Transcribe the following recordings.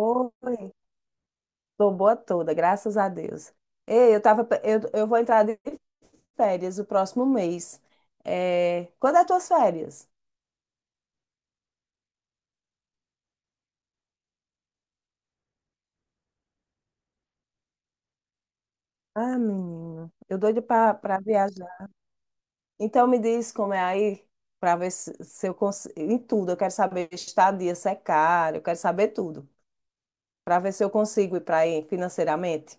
Oi, tô boa toda, graças a Deus. Ei, eu tava, eu vou entrar de férias o próximo mês. É, quando é tuas férias? Ah, menino, eu doido pra viajar. Então me diz como é aí, pra ver se eu consigo, em tudo, eu quero saber estadia, se é caro, eu quero saber tudo, pra ver se eu consigo ir pra aí financeiramente.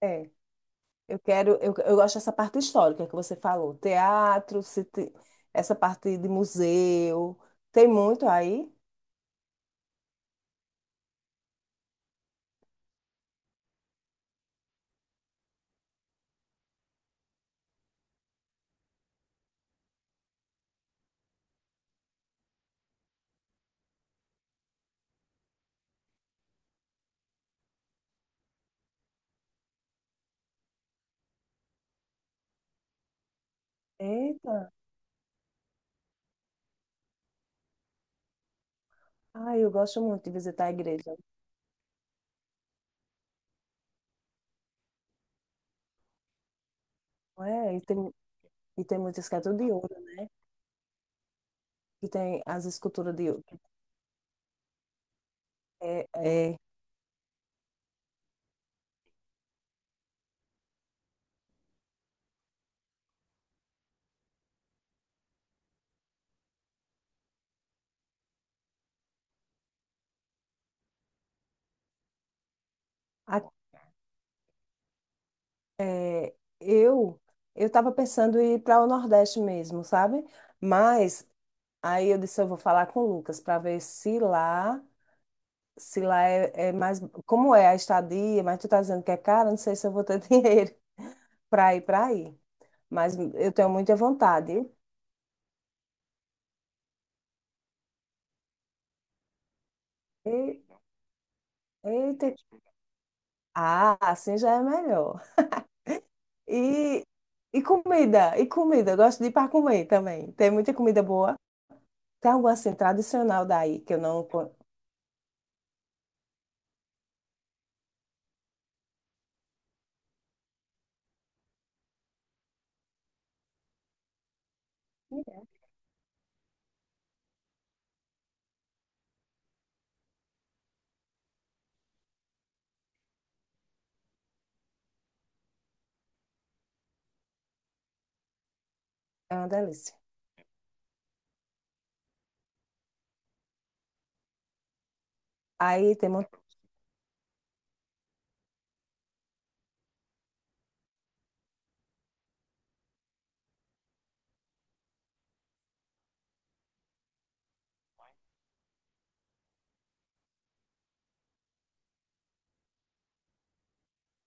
É, eu gosto dessa parte histórica que você falou, teatro, se te- essa parte de museu, tem muito aí? Eita, ah, eu gosto muito de visitar a igreja. Não é, e tem muitas que é de ouro, né? Que tem as esculturas de ouro. É, é, a- é, eu eu estava pensando em ir para o Nordeste mesmo, sabe? Mas aí eu disse, eu vou falar com o Lucas para ver se lá é, é mais. Como é a estadia, mas tu tá dizendo que é caro, não sei se eu vou ter dinheiro para ir para aí. Mas eu tenho muita vontade. E, eita. Ah, assim já é melhor. E, e comida. Eu gosto de ir para comer também. Tem muita comida boa. Tem algo assim tradicional daí que eu não. con- é uma delícia. Aí tem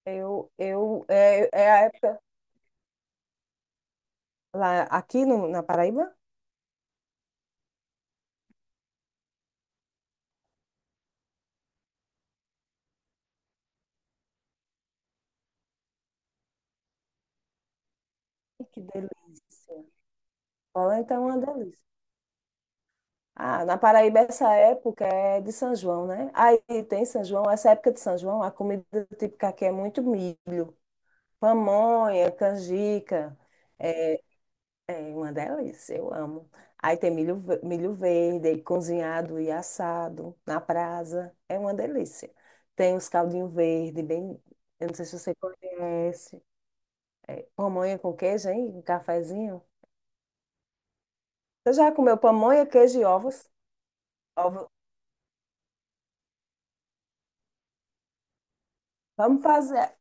é a época lá aqui no, na Paraíba? Que delícia. Polenta é uma delícia. Ah, na Paraíba essa época é de São João, né? Aí tem São João, essa época de São João, a comida típica aqui é muito milho, pamonha, canjica, é, é uma delícia, eu amo. Aí tem milho verde, aí cozinhado e assado na brasa. É uma delícia. Tem os caldinhos verde, bem. Eu não sei se você conhece. É, pamonha com queijo, hein? Um cafezinho. Você já comeu pamonha, queijo e ovos? Ovo. Vamos fazer.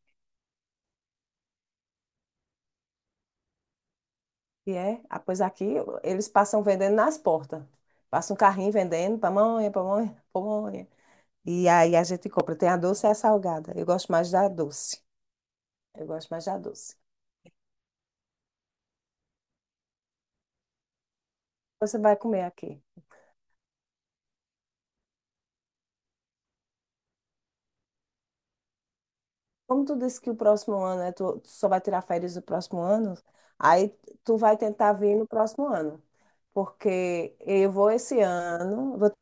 E é, ah, pois aqui eles passam vendendo nas portas. Passa um carrinho vendendo pamonha, pamonha, pamonha. E aí a gente compra. Tem a doce e a salgada. Eu gosto mais da doce. Eu gosto mais da doce. Você vai comer aqui. Como tu disse que o próximo ano, né, tu só vai tirar férias no próximo ano, aí tu vai tentar vir no próximo ano. Porque eu vou esse ano, vou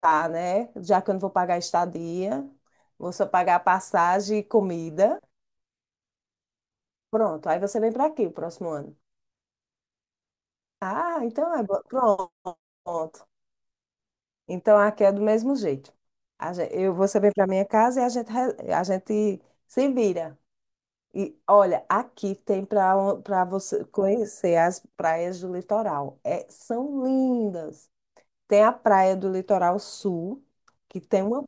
tentar, né? Já que eu não vou pagar estadia, vou só pagar passagem e comida. Pronto, aí você vem para aqui o próximo ano. Ah, então é bom. Pronto. Então aqui é do mesmo jeito. Você vem para minha casa e a gente, a gente se vira. E olha, aqui tem para você conhecer as praias do litoral. É, são lindas. Tem a praia do Litoral Sul, que tem uma,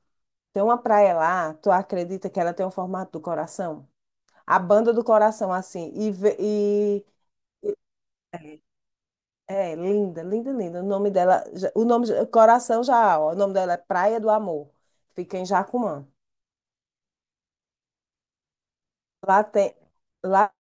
tem uma praia lá, tu acredita que ela tem o formato do coração? A banda do coração, assim. E- é linda, linda, linda. O nome dela, já- o nome, já- coração já, ó, O nome dela é Praia do Amor. Fica em Jacumã. Lá tem, lá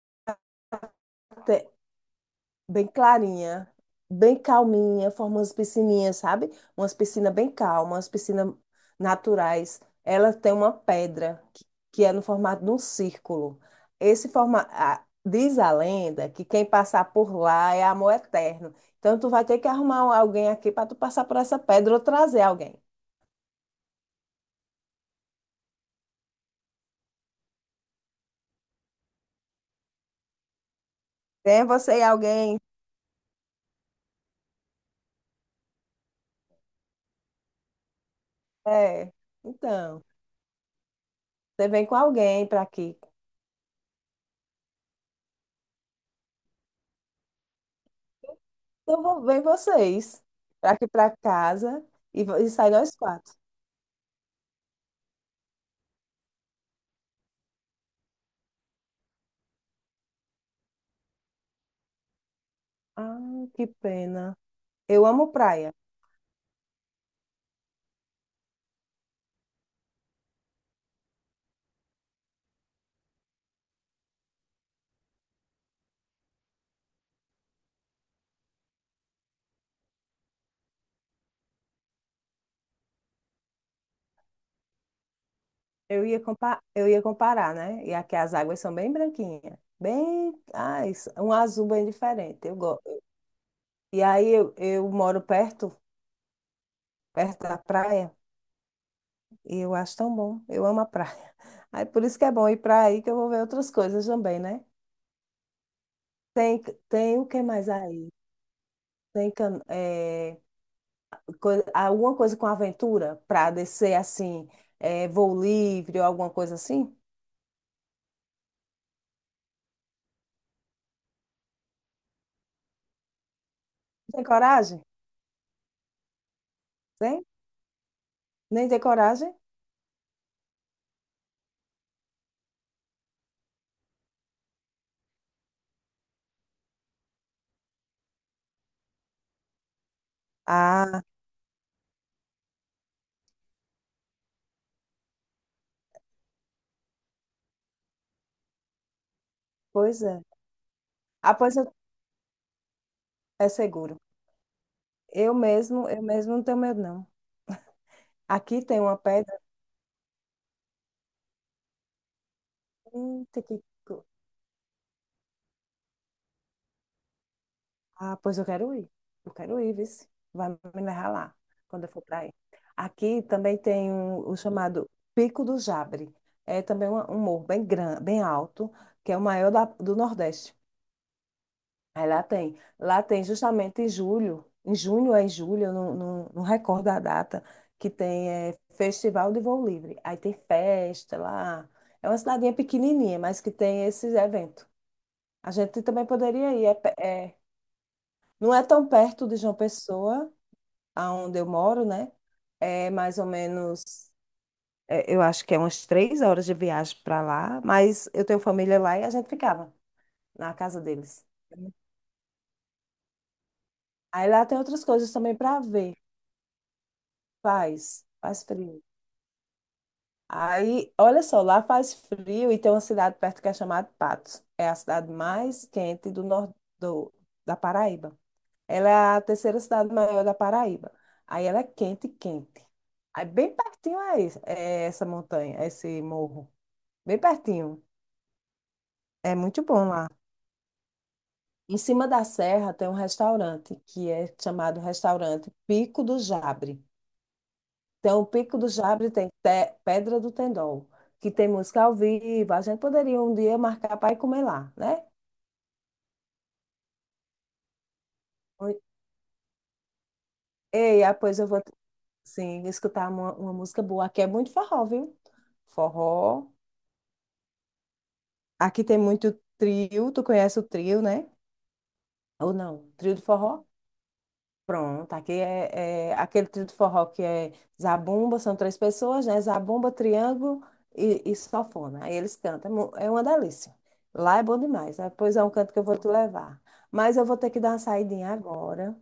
Bem clarinha, bem calminha, forma umas piscininhas, sabe? Umas piscinas bem calmas, umas piscinas naturais. Ela tem uma pedra que é no formato de um círculo. Esse formato, diz a lenda que quem passar por lá é amor eterno. Então tu vai ter que arrumar alguém aqui para tu passar por essa pedra ou trazer alguém. Tem você e alguém? É. Então, você vem com alguém para aqui. Vem vocês para aqui para casa e, e sai nós quatro. Ah, que pena. Eu amo praia. Eu ia comparar, né? E aqui as águas são bem branquinhas. Um azul bem diferente. Eu gosto. Eu moro perto da praia, e eu acho tão bom. Eu amo a praia. Aí por isso que é bom ir para aí que eu vou ver outras coisas também, né? Tem, tem o que mais aí? Tem can- é, coi- alguma coisa com aventura para descer assim, é, voo livre ou alguma coisa assim? Tem coragem? Tem? Nem ter coragem? Ah, pois é. Ah, pois eu- é seguro. Eu mesmo não tenho medo, não. Aqui tem uma pedra. Eita, que... co- Ah, pois eu quero ir. Eu quero ir, vice. Vai me levar lá, quando eu for para aí. Aqui também tem o chamado Pico do Jabre. É também um morro bem grande, bem alto, que é o maior do Nordeste. Aí lá tem. Lá tem justamente em julho, em junho ou em julho, eu não recordo a data, que tem é, Festival de Voo Livre. Aí tem festa lá. É uma cidadinha pequenininha, mas que tem esse evento. A gente também poderia ir. Não é tão perto de João Pessoa, aonde eu moro, né? É mais ou menos, é, eu acho que é umas 3 horas de viagem para lá, mas eu tenho família lá e a gente ficava na casa deles. Aí lá tem outras coisas também para ver. Faz frio. Aí, olha só, lá faz frio e tem uma cidade perto que é chamada Patos. É a cidade mais quente do da Paraíba. Ela é a terceira cidade maior da Paraíba. Aí ela é quente, quente. Aí bem pertinho é, é essa montanha, esse morro. Bem pertinho. É muito bom lá. Em cima da serra tem um restaurante que é chamado Restaurante Pico do Jabre. Então, o Pico do Jabre tem Pedra do Tendol, que tem música ao vivo. A gente poderia um dia marcar para ir comer lá, né? Oi. Ei, ah, pois eu vou, sim, escutar uma música boa. Aqui é muito forró, viu? Forró. Aqui tem muito trio. Tu conhece o trio, né? Ou não? Trio de forró? Pronto, aqui é, é aquele trio de forró que é zabumba, são três pessoas, né? Zabumba, triângulo e sanfona. Aí eles cantam, é uma delícia. Lá é bom demais, né? Pois é um canto que eu vou te levar. Mas eu vou ter que dar uma saidinha agora.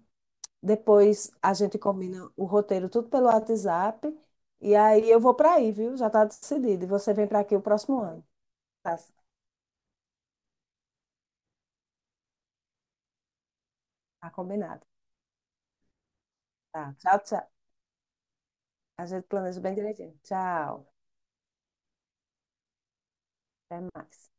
Depois a gente combina o roteiro tudo pelo WhatsApp. E aí eu vou para aí, viu? Já está decidido. E você vem para aqui o próximo ano. Tá, tá combinado. Tá, tchau, tchau. A gente planeja bem direitinho. Tchau. Até mais.